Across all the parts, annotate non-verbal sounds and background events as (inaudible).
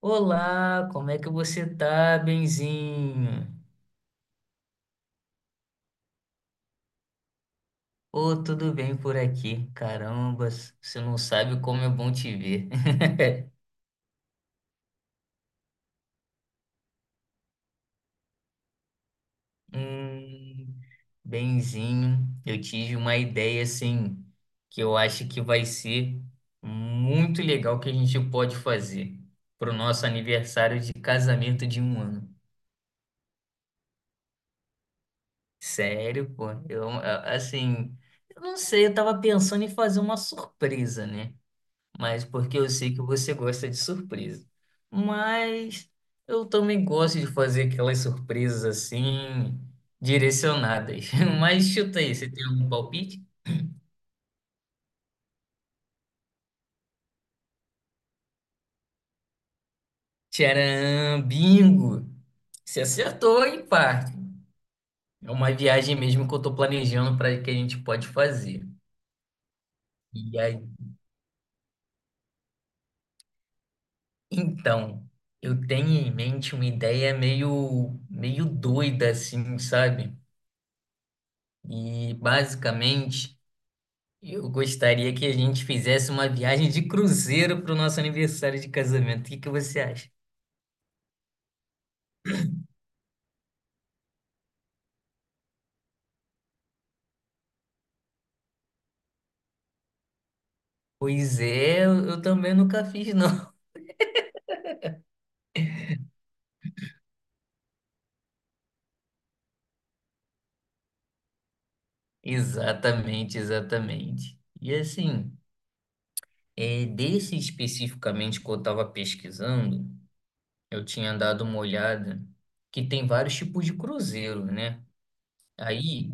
Olá, como é que você tá, benzinho? Ô, tudo bem por aqui? Caramba, você não sabe como é bom te ver. (laughs) Hum, benzinho, eu tive uma ideia assim que eu acho que vai ser muito legal que a gente pode fazer pro nosso aniversário de casamento de um ano. Sério, pô, assim, eu não sei, eu tava pensando em fazer uma surpresa, né? Mas porque eu sei que você gosta de surpresa. Mas eu também gosto de fazer aquelas surpresas assim, direcionadas. (laughs) Mas chuta aí, você tem algum palpite? Tcharam, bingo! Você acertou em parte. É uma viagem mesmo que eu tô planejando para que a gente pode fazer. E aí, então, eu tenho em mente uma ideia meio doida assim, sabe? E basicamente eu gostaria que a gente fizesse uma viagem de cruzeiro para o nosso aniversário de casamento. O que que você acha? Pois é, eu também nunca fiz, não. (laughs) Exatamente, exatamente. E assim, desse especificamente que eu estava pesquisando, eu tinha dado uma olhada que tem vários tipos de cruzeiro, né? Aí,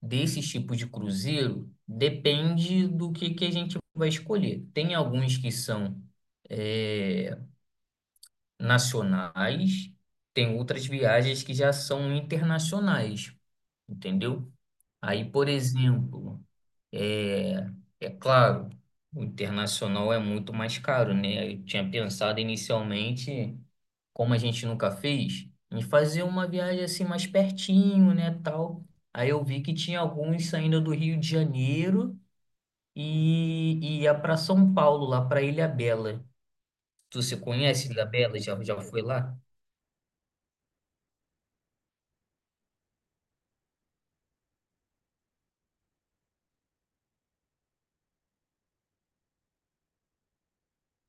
desses tipos de cruzeiro, depende do que a gente vai escolher. Tem alguns que são. é, Nacionais, tem outras viagens que já são internacionais, entendeu? Aí, por exemplo, é, é claro, o internacional é muito mais caro, né? Eu tinha pensado inicialmente, como a gente nunca fez, em fazer uma viagem assim mais pertinho, né, tal. Aí eu vi que tinha alguns saindo do Rio de Janeiro e ia para São Paulo, lá para Ilhabela. Tu se conhece Ilhabela? Já, já foi lá?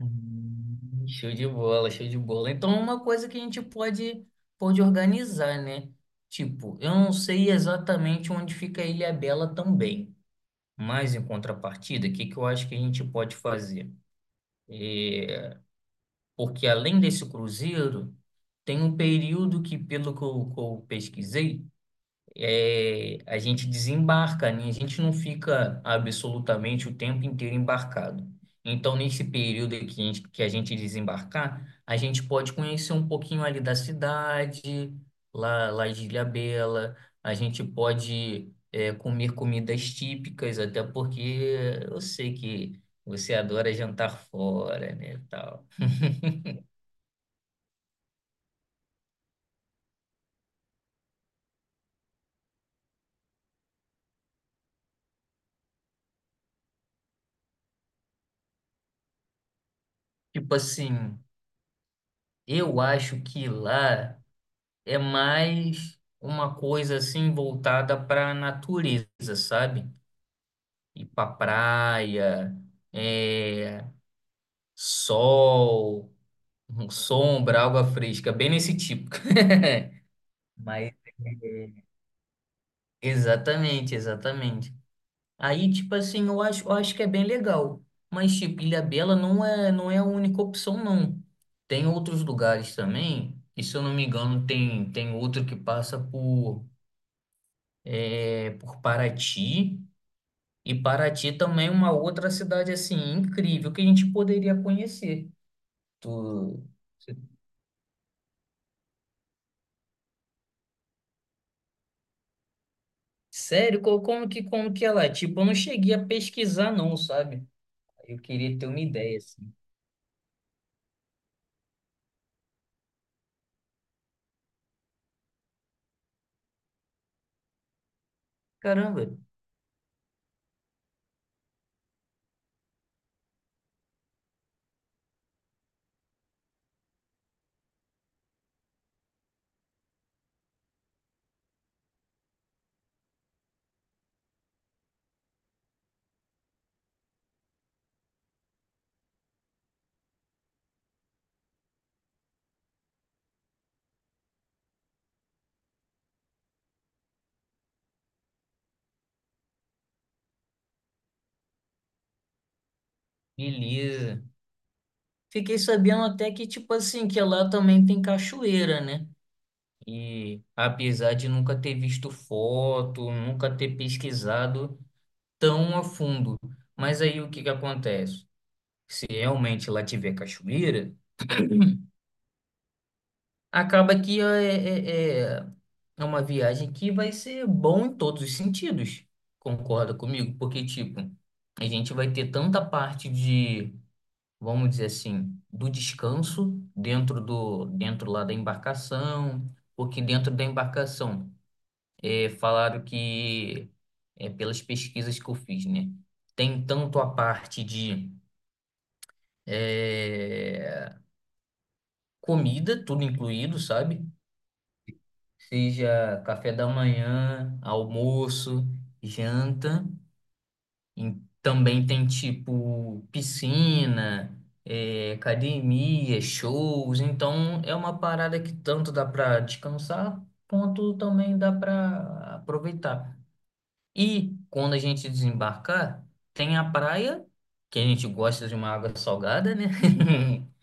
Show de bola, show de bola. Então, é uma coisa que a gente pode, pode organizar, né? Tipo, eu não sei exatamente onde fica a Ilha Bela também, mas em contrapartida, o que que eu acho que a gente pode fazer? Porque além desse cruzeiro, tem um período que, que eu pesquisei, a gente desembarca, né? A gente não fica absolutamente o tempo inteiro embarcado. Então, nesse período que a gente desembarcar, a gente pode conhecer um pouquinho ali da cidade, lá de Ilhabela, a gente pode comer comidas típicas, até porque eu sei que você adora jantar fora, né, tal. Tipo assim, eu acho que lá é mais uma coisa assim voltada para a natureza, sabe? Ir para praia, é, sol, sombra, água fresca, bem nesse tipo. (laughs) Mas é, exatamente, exatamente. Aí, tipo assim, eu acho que é bem legal. Mas, tipo, Ilhabela não é a única opção, não. Tem outros lugares também. E se eu não me engano, tem outro que passa por, por Paraty. E Paraty também é uma outra cidade assim incrível que a gente poderia conhecer. Tu- Sério, como que ela é? Tipo, eu não cheguei a pesquisar não, sabe? Eu queria ter uma ideia assim. Caramba, beleza. Fiquei sabendo até que tipo assim que lá também tem cachoeira, né? E apesar de nunca ter visto foto, nunca ter pesquisado tão a fundo, mas aí o que que acontece? Se realmente lá tiver cachoeira acaba que é uma viagem que vai ser bom em todos os sentidos. Concorda comigo? Porque, tipo, a gente vai ter tanta parte de, vamos dizer assim, do descanso dentro lá da embarcação, porque dentro da embarcação falaram que, pelas pesquisas que eu fiz, né? Tem tanto a parte de é, comida, tudo incluído, sabe? Seja café da manhã, almoço, janta. E também tem tipo piscina, academia, shows. Então é uma parada que tanto dá para descansar, quanto também dá para aproveitar. E quando a gente desembarcar, tem a praia, que a gente gosta de uma água salgada, né? (laughs)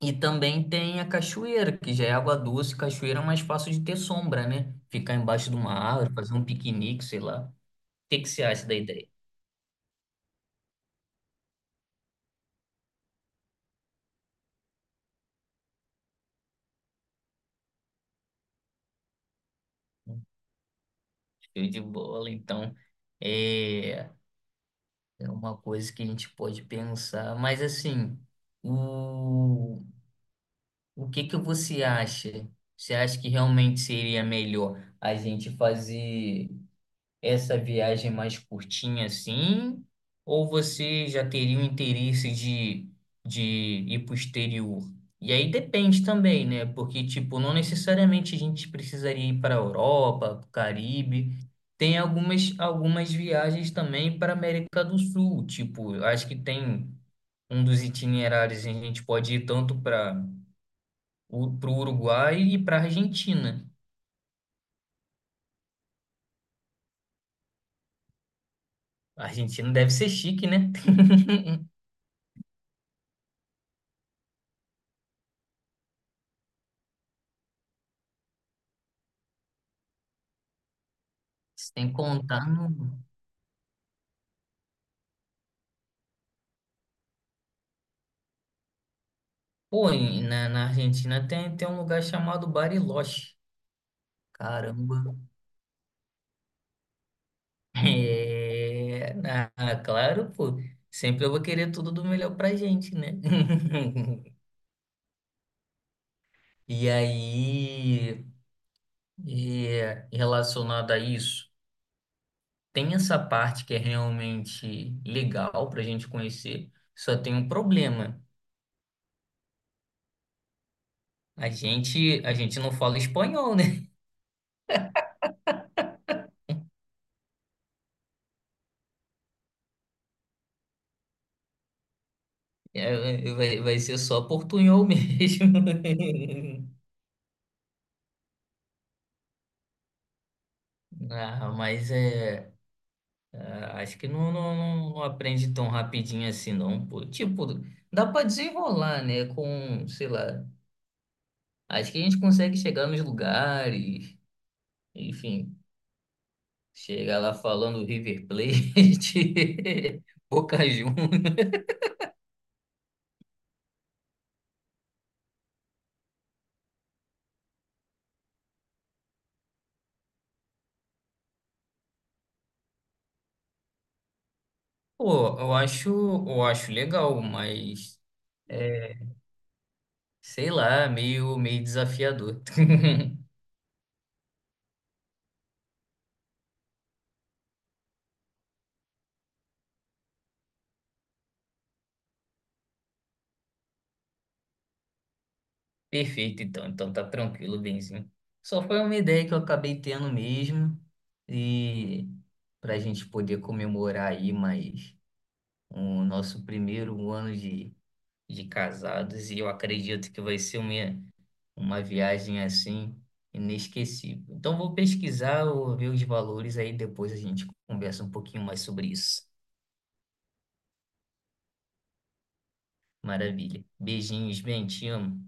E também tem a cachoeira, que já é água doce. Cachoeira é mais fácil de ter sombra, né? Ficar embaixo de uma árvore, fazer um piquenique, sei lá. O que que você acha da ideia? Show de bola, então. É, é uma coisa que a gente pode pensar. Mas assim, o, o que que você acha? Você acha que realmente seria melhor a gente fazer essa viagem mais curtinha assim? Ou você já teria o interesse de ir para o exterior? E aí depende também, né? Porque, tipo, não necessariamente a gente precisaria ir para a Europa, para o Caribe. Tem algumas viagens também para a América do Sul. Tipo, eu acho que tem um dos itinerários que a gente pode ir tanto para o pro Uruguai e para a Argentina. A Argentina deve ser chique, né? (laughs) Sem contar no… Pô, na Argentina tem um lugar chamado Bariloche. Caramba. (laughs) É, ah, claro, pô. Sempre eu vou querer tudo do melhor pra gente, né? (laughs) E aí, relacionado a isso, tem essa parte que é realmente legal pra gente conhecer, só tem um problema. A gente não fala espanhol, né? (laughs) É, vai ser só portunhol mesmo. (laughs) Ah, mas é. Ah, acho que não, não aprende tão rapidinho assim, não, pô. Tipo, dá pra desenrolar, né? Com, sei lá. Acho que a gente consegue chegar nos lugares, enfim, chegar lá falando River Plate, (laughs) Boca Juniors. Pô, eu acho legal, mas é, sei lá, meio desafiador. (laughs) Perfeito, então. Então tá tranquilo, Benzinho. Só foi uma ideia que eu acabei tendo mesmo e para a gente poder comemorar aí mais o nosso primeiro ano de casados e eu acredito que vai ser uma viagem assim inesquecível. Então vou pesquisar, vou ver os valores aí depois a gente conversa um pouquinho mais sobre isso. Maravilha. Beijinhos, bem, te amo.